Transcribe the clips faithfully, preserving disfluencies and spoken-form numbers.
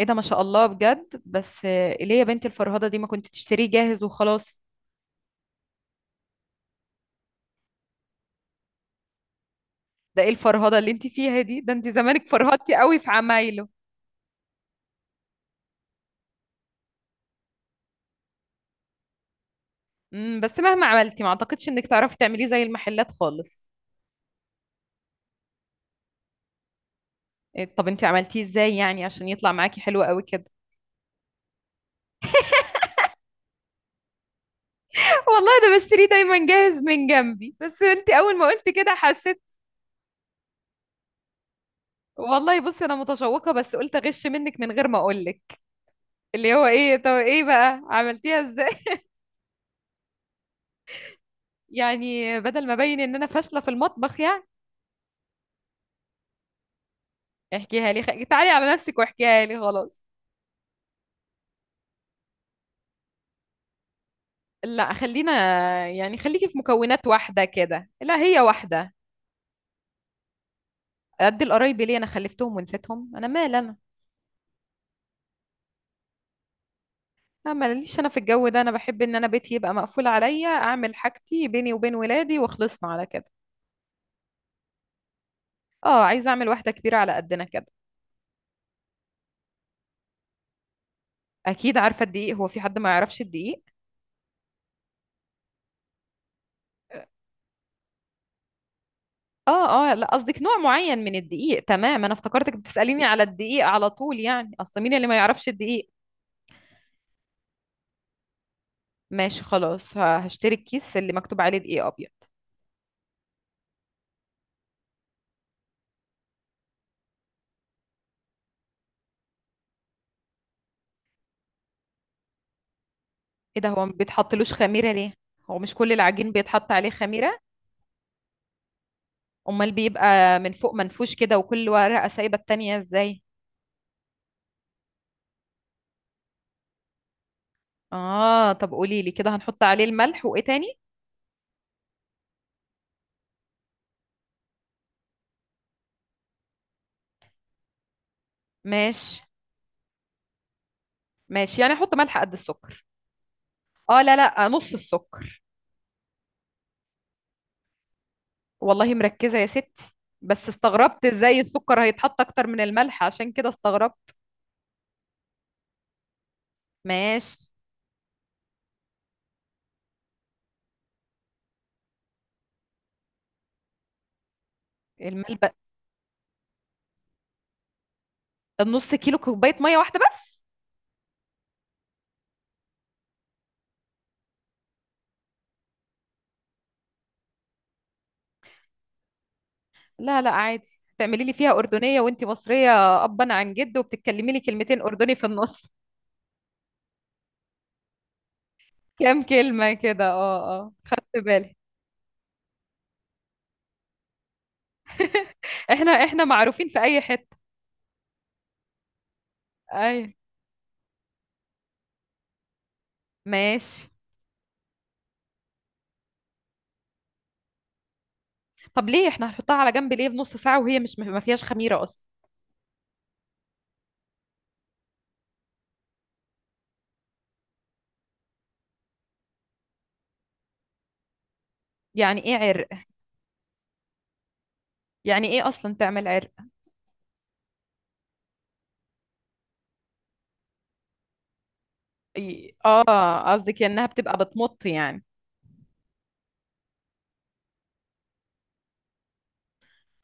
ايه ده، ما شاء الله بجد. بس آه، ليه يا بنتي الفرهده دي؟ ما كنت تشتريه جاهز وخلاص. ده ايه الفرهده اللي انت فيها دي؟ ده انت زمانك فرهدتي قوي في عمايله. امم بس مهما عملتي ما اعتقدش انك تعرفي تعمليه زي المحلات خالص. إيه، طب انت عملتيه ازاي يعني عشان يطلع معاكي حلو قوي كده؟ والله انا بشتريه دايما جاهز من جنبي، بس انت اول ما قلت كده حسيت. والله بصي انا متشوقه، بس قلت اغش منك من غير ما اقول لك. اللي هو ايه؟ طب ايه بقى عملتيها ازاي؟ يعني بدل ما ابين ان انا فاشله في المطبخ يعني. احكيها لي خ... تعالي على نفسك واحكيها لي خلاص. لا، خلينا يعني خليكي في مكونات واحدة كده، لا هي واحدة. قد القرايب ليه؟ انا خلفتهم ونسيتهم، انا مال انا. لا ماليش انا في الجو ده، انا بحب ان انا بيتي يبقى مقفول عليا، اعمل حاجتي بيني وبين ولادي وخلصنا على كده. اه عايزة اعمل واحدة كبيرة على قدنا كده. اكيد عارفة الدقيق، هو في حد ما يعرفش الدقيق؟ اه اه، لا قصدك نوع معين من الدقيق، تمام. انا افتكرتك بتسأليني على الدقيق على طول، يعني اصل مين اللي ما يعرفش الدقيق. ماشي خلاص، ه- هشتري الكيس اللي مكتوب عليه دقيق ابيض. ايه ده، هو ما بيتحطلوش خميره ليه؟ هو مش كل العجين بيتحط عليه خميره؟ امال بيبقى من فوق منفوش كده وكل ورقه سايبه التانية ازاي؟ اه طب قولي لي كده، هنحط عليه الملح وايه تاني؟ ماشي. ماشي، يعني احط ملح قد السكر؟ اه لا لا، نص السكر. والله مركزه يا ستي. بس استغربت ازاي السكر هيتحط اكتر من الملح، عشان كده استغربت. ماشي. الملبق. النص كيلو كوبايه ميه واحده بس؟ لا لا عادي. تعملي لي فيها أردنية وانتي مصرية أبا عن جد، وبتتكلمي لي كلمتين أردني في النص؟ كام كلمة كده، اه اه، خدت بالي. احنا احنا معروفين في أي حتة. أي. ماشي. طب ليه احنا هنحطها على جنب ليه بنص ساعة وهي مش ما فيهاش خميرة أصلا؟ يعني ايه عرق؟ يعني ايه أصلا تعمل عرق؟ إي- اه، قصدك انها بتبقى بتمط يعني.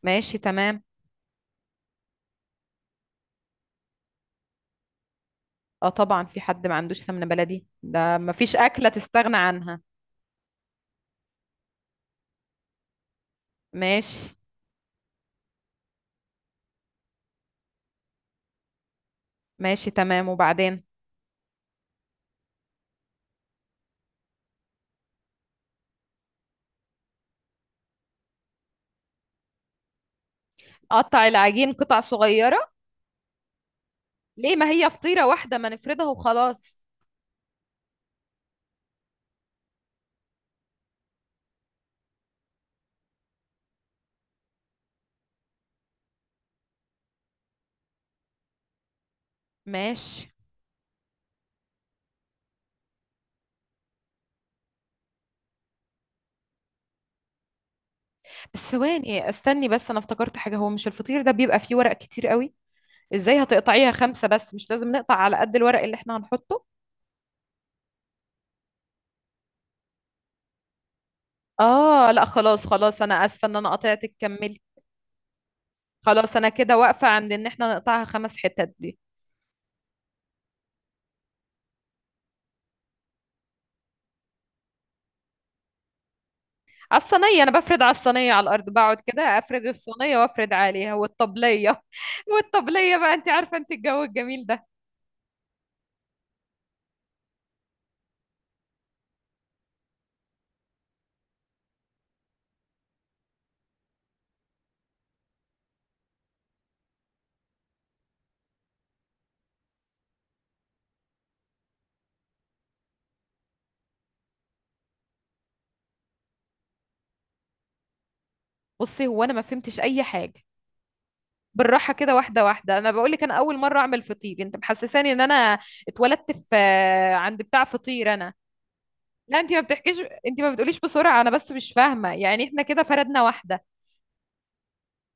ماشي تمام. اه طبعا، في حد ما عندوش سمنة بلدي؟ ده ما فيش أكلة تستغنى عنها. ماشي. ماشي تمام، وبعدين؟ قطع العجين قطع صغيرة؟ ليه؟ ما هي فطيرة واحدة، ما نفردها وخلاص. ماشي. بس ثواني، استني بس، انا افتكرت حاجة. هو مش الفطير ده بيبقى فيه ورق كتير قوي؟ ازاي هتقطعيها خمسة؟ بس مش لازم نقطع على قد الورق اللي احنا هنحطه؟ اه لا خلاص خلاص، انا اسفة ان انا قطعتك، كملي. خلاص انا كده واقفة عند ان احنا نقطعها خمس حتت دي. على الصينية، انا بفرد على الصينية، على الارض بقعد كده، افرد الصينية وافرد عليها، والطبلية. والطبلية بقى انت عارفة، انت الجو الجميل ده. بصي هو انا ما فهمتش اي حاجة. بالراحه كده، واحده واحده. انا بقول لك انا اول مره اعمل فطير، انت محسساني ان انا اتولدت في عند بتاع فطير انا. لا انت ما بتحكيش، انت ما بتقوليش بسرعه، انا بس مش فاهمه. يعني احنا كده فردنا واحده؟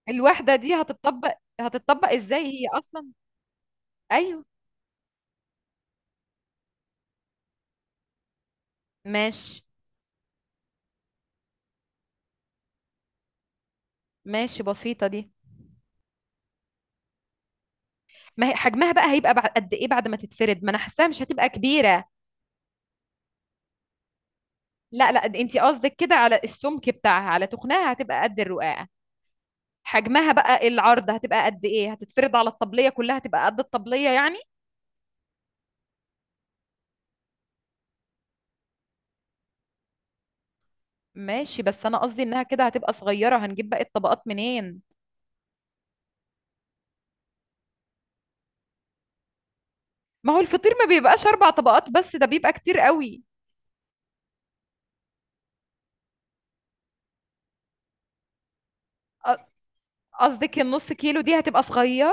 الواحده دي هتطبق؟ هتطبق ازاي هي اصلا؟ ايوه. ماشي. ماشي بسيطه دي. ما هي حجمها بقى هيبقى بعد قد ايه بعد ما تتفرد؟ ما انا حاساها مش هتبقى كبيره. لا لا، انت قصدك كده على السمك بتاعها، على تخنها هتبقى قد الرقاقه. حجمها بقى العرض هتبقى قد ايه؟ هتتفرد على الطبلية كلها؟ هتبقى قد الطبلية يعني؟ ماشي، بس انا قصدي انها كده هتبقى صغيرة، هنجيب باقي الطبقات منين؟ ما هو الفطير ما بيبقاش اربع طبقات بس، ده بيبقى كتير قوي. أ- قصدك النص كيلو دي هتبقى صغيرة؟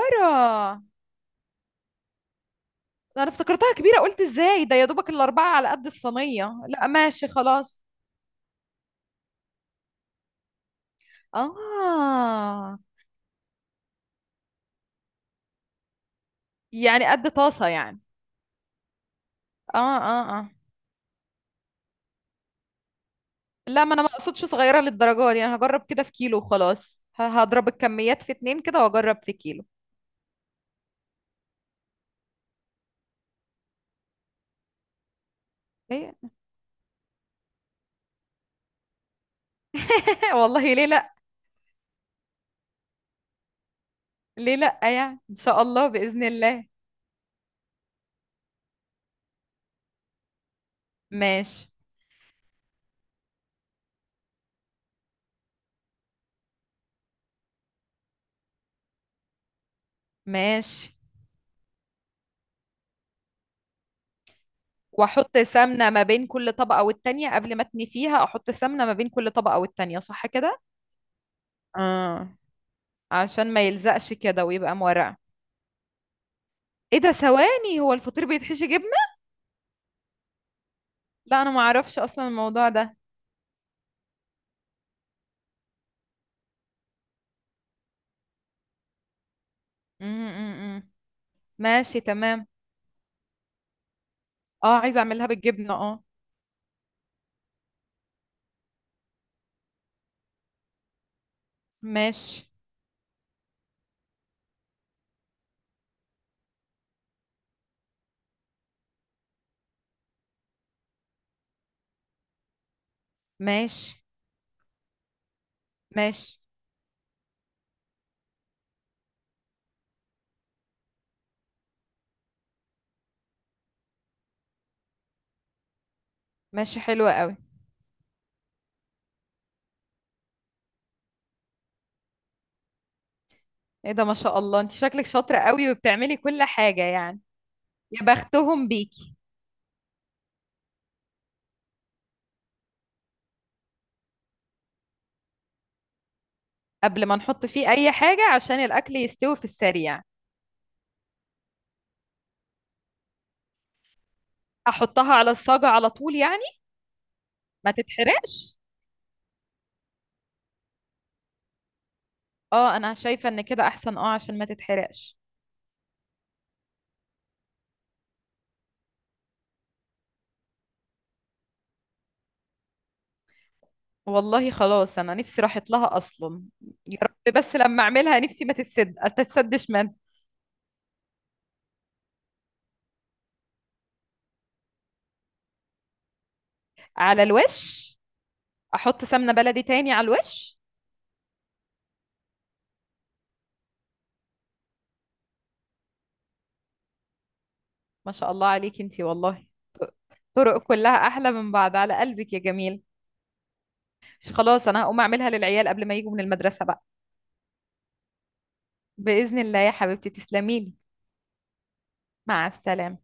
انا افتكرتها كبيرة، قلت ازاي ده يا دوبك الاربعة على قد الصينية، لا ماشي خلاص. اه. يعني قد طاسة يعني؟ اه اه اه، لا ما انا ما اقصدش صغيره للدرجه دي، انا هجرب كده في كيلو وخلاص. ه- هضرب الكميات في اتنين كده واجرب في كيلو. إيه؟ والله ليه لا. ليه لا يعني، ان شاء الله باذن الله. ماشي. ماشي. واحط سمنه ما بين كل طبقه والتانيه؟ قبل ما اتني فيها احط سمنه ما بين كل طبقه والتانيه، صح كده؟ اه، عشان ما يلزقش كده ويبقى مورقه. ايه ده، ثواني، هو الفطير بيتحشي جبنه؟ لا انا ما اعرفش اصلا الموضوع ده. م -م -م. ماشي تمام. اه عايزه اعملها بالجبنه، اه. ماشي. ماشي. ماشي. ماشي، حلوة قوي. ايه ده، ما شاء الله، انت شكلك شاطرة قوي وبتعملي كل حاجة يعني. يا بختهم بيكي. قبل ما نحط فيه اي حاجة عشان الاكل يستوي في السريع؟ احطها على الصاجة على طول يعني؟ ما تتحرقش. اه انا شايفة ان كده احسن، اه عشان ما تتحرقش. والله خلاص، انا نفسي راحت لها اصلا. يا رب بس لما اعملها، نفسي ما تتسد، ما تتسدش من. على الوش. احط سمنة بلدي تاني على الوش؟ ما شاء الله عليكي انتي والله. طرق كلها احلى من بعض، على قلبك يا جميل. مش خلاص، انا هقوم اعملها للعيال قبل ما يجوا من المدرسة بقى. بإذن الله يا حبيبتي، تسلمي لي. مع السلامة.